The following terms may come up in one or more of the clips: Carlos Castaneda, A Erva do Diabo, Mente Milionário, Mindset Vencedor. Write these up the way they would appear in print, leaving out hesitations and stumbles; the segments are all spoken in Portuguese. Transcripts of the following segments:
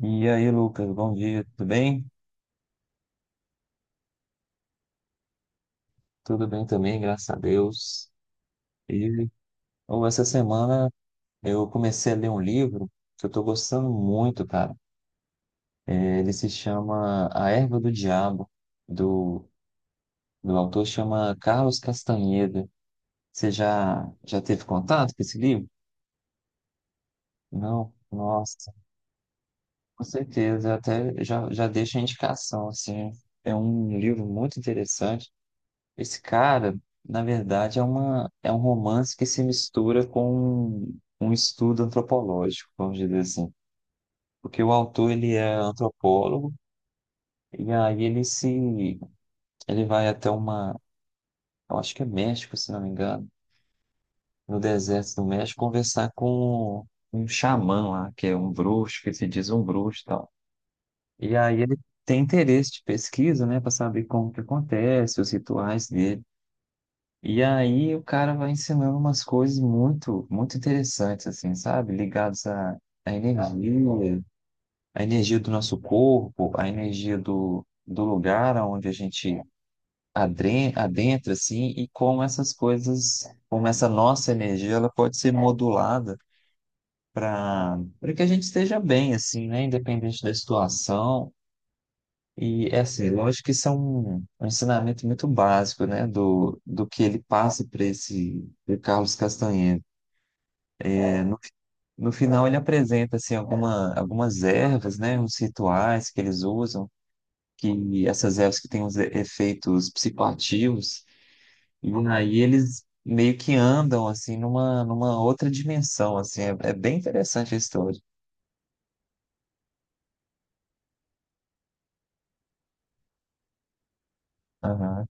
E aí, Lucas, bom dia, tudo bem? Tudo bem também, graças a Deus. E ou essa semana eu comecei a ler um livro que eu tô gostando muito, cara. Ele se chama A Erva do Diabo, do, do autor chama Carlos Castaneda. Você já teve contato com esse livro? Não? Nossa, com certeza. Até já deixa a indicação, assim. É um livro muito interessante. Esse cara, na verdade, é é um romance que se mistura com um estudo antropológico, vamos dizer assim. Porque o autor, ele é antropólogo, e aí ele se, ele vai até uma, eu acho que é México, se não me engano, no deserto do México, conversar com um xamã lá, que é um bruxo, que se diz um bruxo e tal. E aí ele tem interesse de pesquisa, né, para saber como que acontece, os rituais dele. E aí o cara vai ensinando umas coisas muito interessantes, assim, sabe? Ligadas à energia, à energia do nosso corpo, à energia do lugar onde a gente adentra, assim, e como essas coisas, como essa nossa energia, ela pode ser modulada para que a gente esteja bem, assim, né? Independente da situação. E é assim, lógico que isso é um ensinamento muito básico, né, do que ele passa para esse pro Carlos Castanheira. É, no, no final ele apresenta assim algumas ervas, né, uns rituais que eles usam, que essas ervas que têm uns efeitos psicoativos, e aí eles meio que andam assim numa, numa outra dimensão, assim, é bem interessante a história. Aham.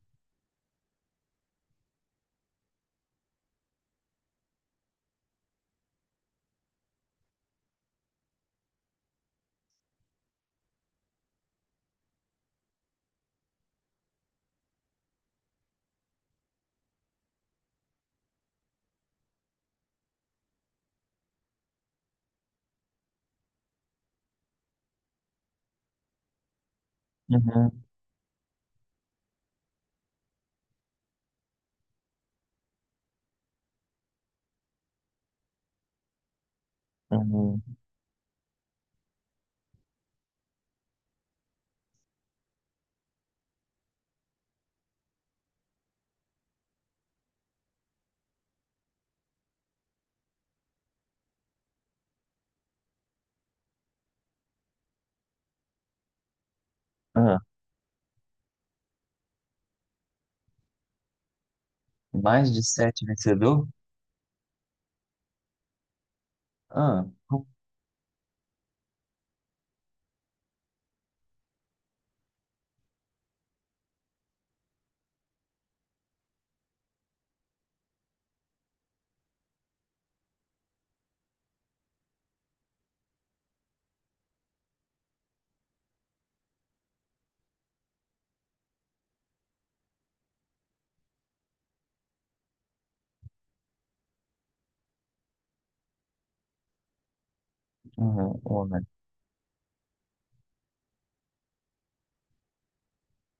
Uhum, uhum. Ah, mais de sete vencedor? Ah. Uhum. Uai,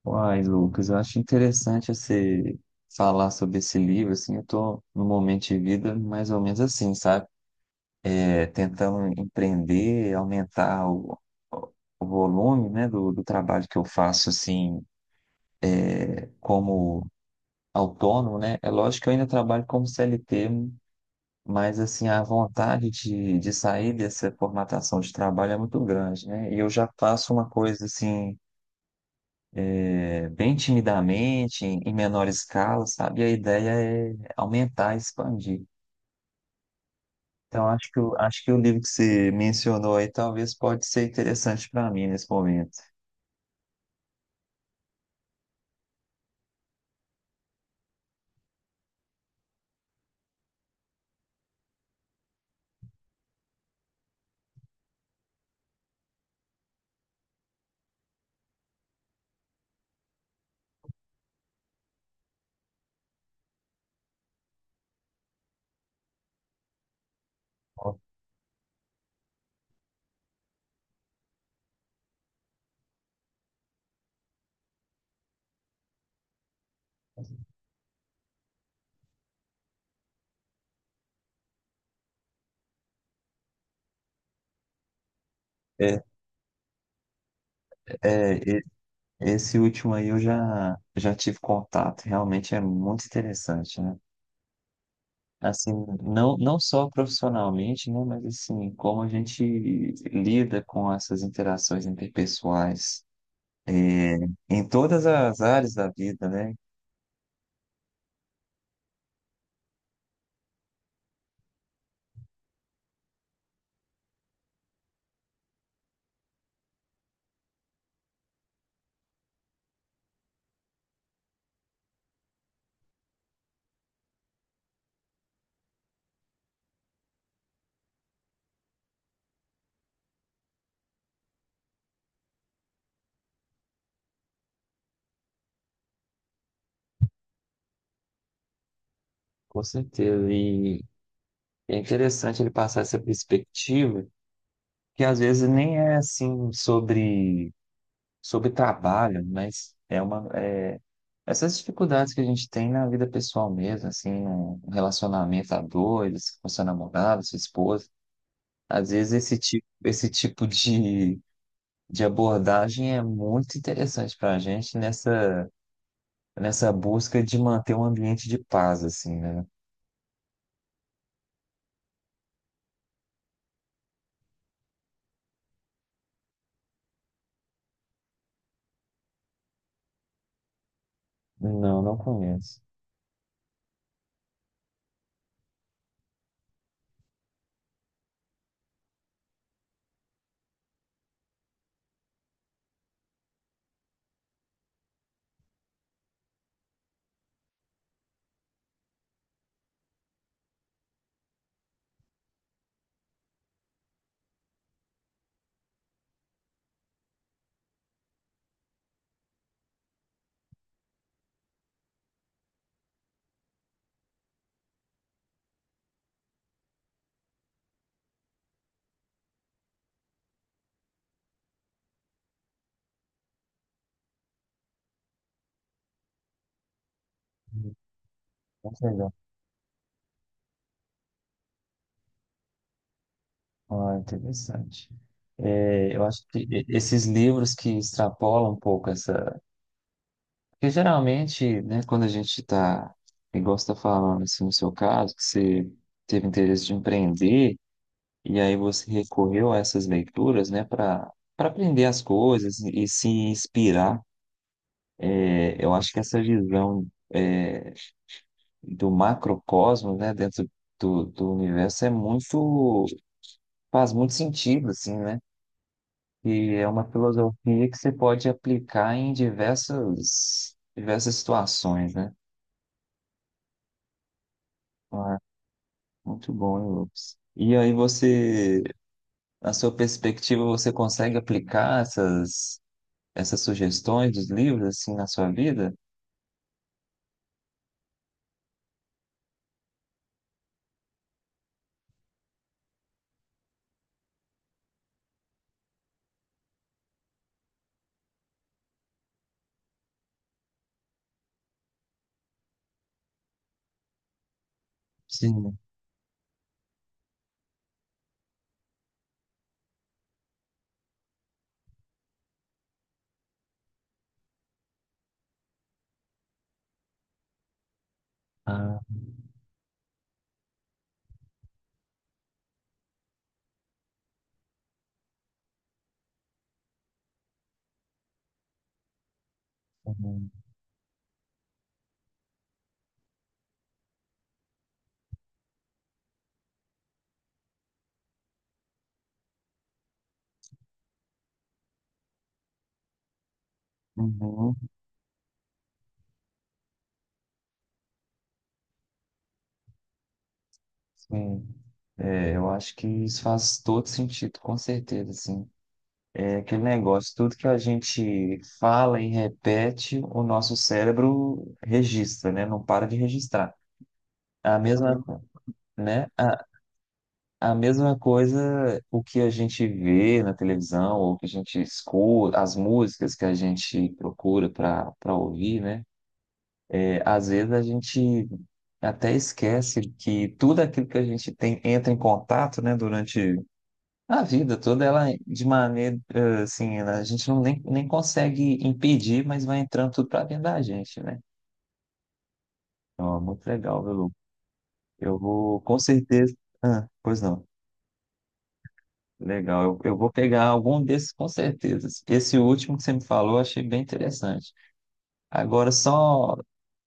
uai, Lucas, eu acho interessante você falar sobre esse livro, assim, eu tô no momento de vida mais ou menos assim, sabe? É, tentando empreender, aumentar o volume, né, do trabalho que eu faço, assim, como autônomo, né? É lógico que eu ainda trabalho como CLT, mas, assim, a vontade de sair dessa formatação de trabalho é muito grande, né? E eu já faço uma coisa, assim bem timidamente, em menor escala, sabe? E a ideia é aumentar, expandir. Então, acho que o livro que você mencionou aí talvez pode ser interessante para mim nesse momento. É, é, e- Esse último aí eu já tive contato, realmente é muito interessante, né? Assim, não só profissionalmente, né? Mas assim, como a gente lida com essas interações interpessoais, é, em todas as áreas da vida, né? Com certeza. E é interessante ele passar essa perspectiva, que às vezes nem é assim sobre trabalho, mas é essas dificuldades que a gente tem na vida pessoal mesmo, assim, no relacionamento a dois, com seu namorado, sua esposa. Às vezes esse tipo de abordagem é muito interessante para a gente nessa, nessa busca de manter um ambiente de paz, assim, né? Não, não conheço. Não sei. Ah, interessante. É, eu acho que esses livros que extrapolam um pouco essa. Porque geralmente, né, quando a gente está, igual você está falando, assim, no seu caso, que você teve interesse de empreender, e aí você recorreu a essas leituras, né, para aprender as coisas e se inspirar. É, eu acho que essa visão, é, do macrocosmo, né, dentro do universo é muito. Faz muito sentido, assim, né? E é uma filosofia que você pode aplicar em diversas, diversas situações, né? Ah, muito bom, hein, Lucas. E aí você, na sua perspectiva, você consegue aplicar essas, essas sugestões dos livros, assim, na sua vida? Sim. Ah, uhum. Uhum. Sim. É, eu acho que isso faz todo sentido, com certeza, assim. É aquele negócio, tudo que a gente fala e repete, o nosso cérebro registra, né? Não para de registrar. A mesma, uhum. Né? A mesma coisa, o que a gente vê na televisão, ou que a gente escuta, as músicas que a gente procura para ouvir, né? É, às vezes a gente até esquece que tudo aquilo que a gente tem entra em contato, né? Durante a vida toda, ela de maneira assim, a gente não nem consegue impedir, mas vai entrando tudo para dentro da gente, né? Então, é muito legal, viu, Lu? Eu vou, com certeza. Ah, pois não. Legal, eu vou pegar algum desses com certeza. Esse último que você me falou, eu achei bem interessante. Agora, só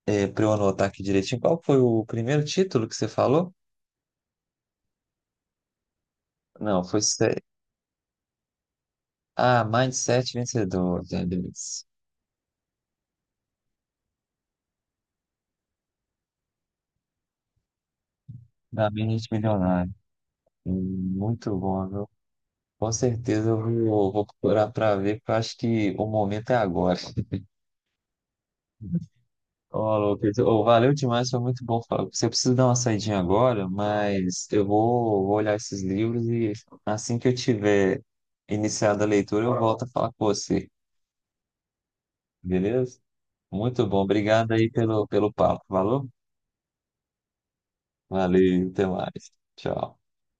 para eu anotar aqui direitinho, qual foi o primeiro título que você falou? Não, foi. Se- Ah, Mindset Vencedor, da Mente Milionário. Muito bom, viu? Com certeza eu vou, vou procurar para ver, porque eu acho que o momento é agora. Ó, Lucas, ô, valeu demais, foi muito bom falar com. Você precisa dar uma saidinha agora, mas eu vou, vou olhar esses livros e assim que eu tiver iniciado a leitura, eu volto a falar com você, beleza? Muito bom, obrigado aí pelo, pelo papo, valeu? Valeu, até mais. Tchau.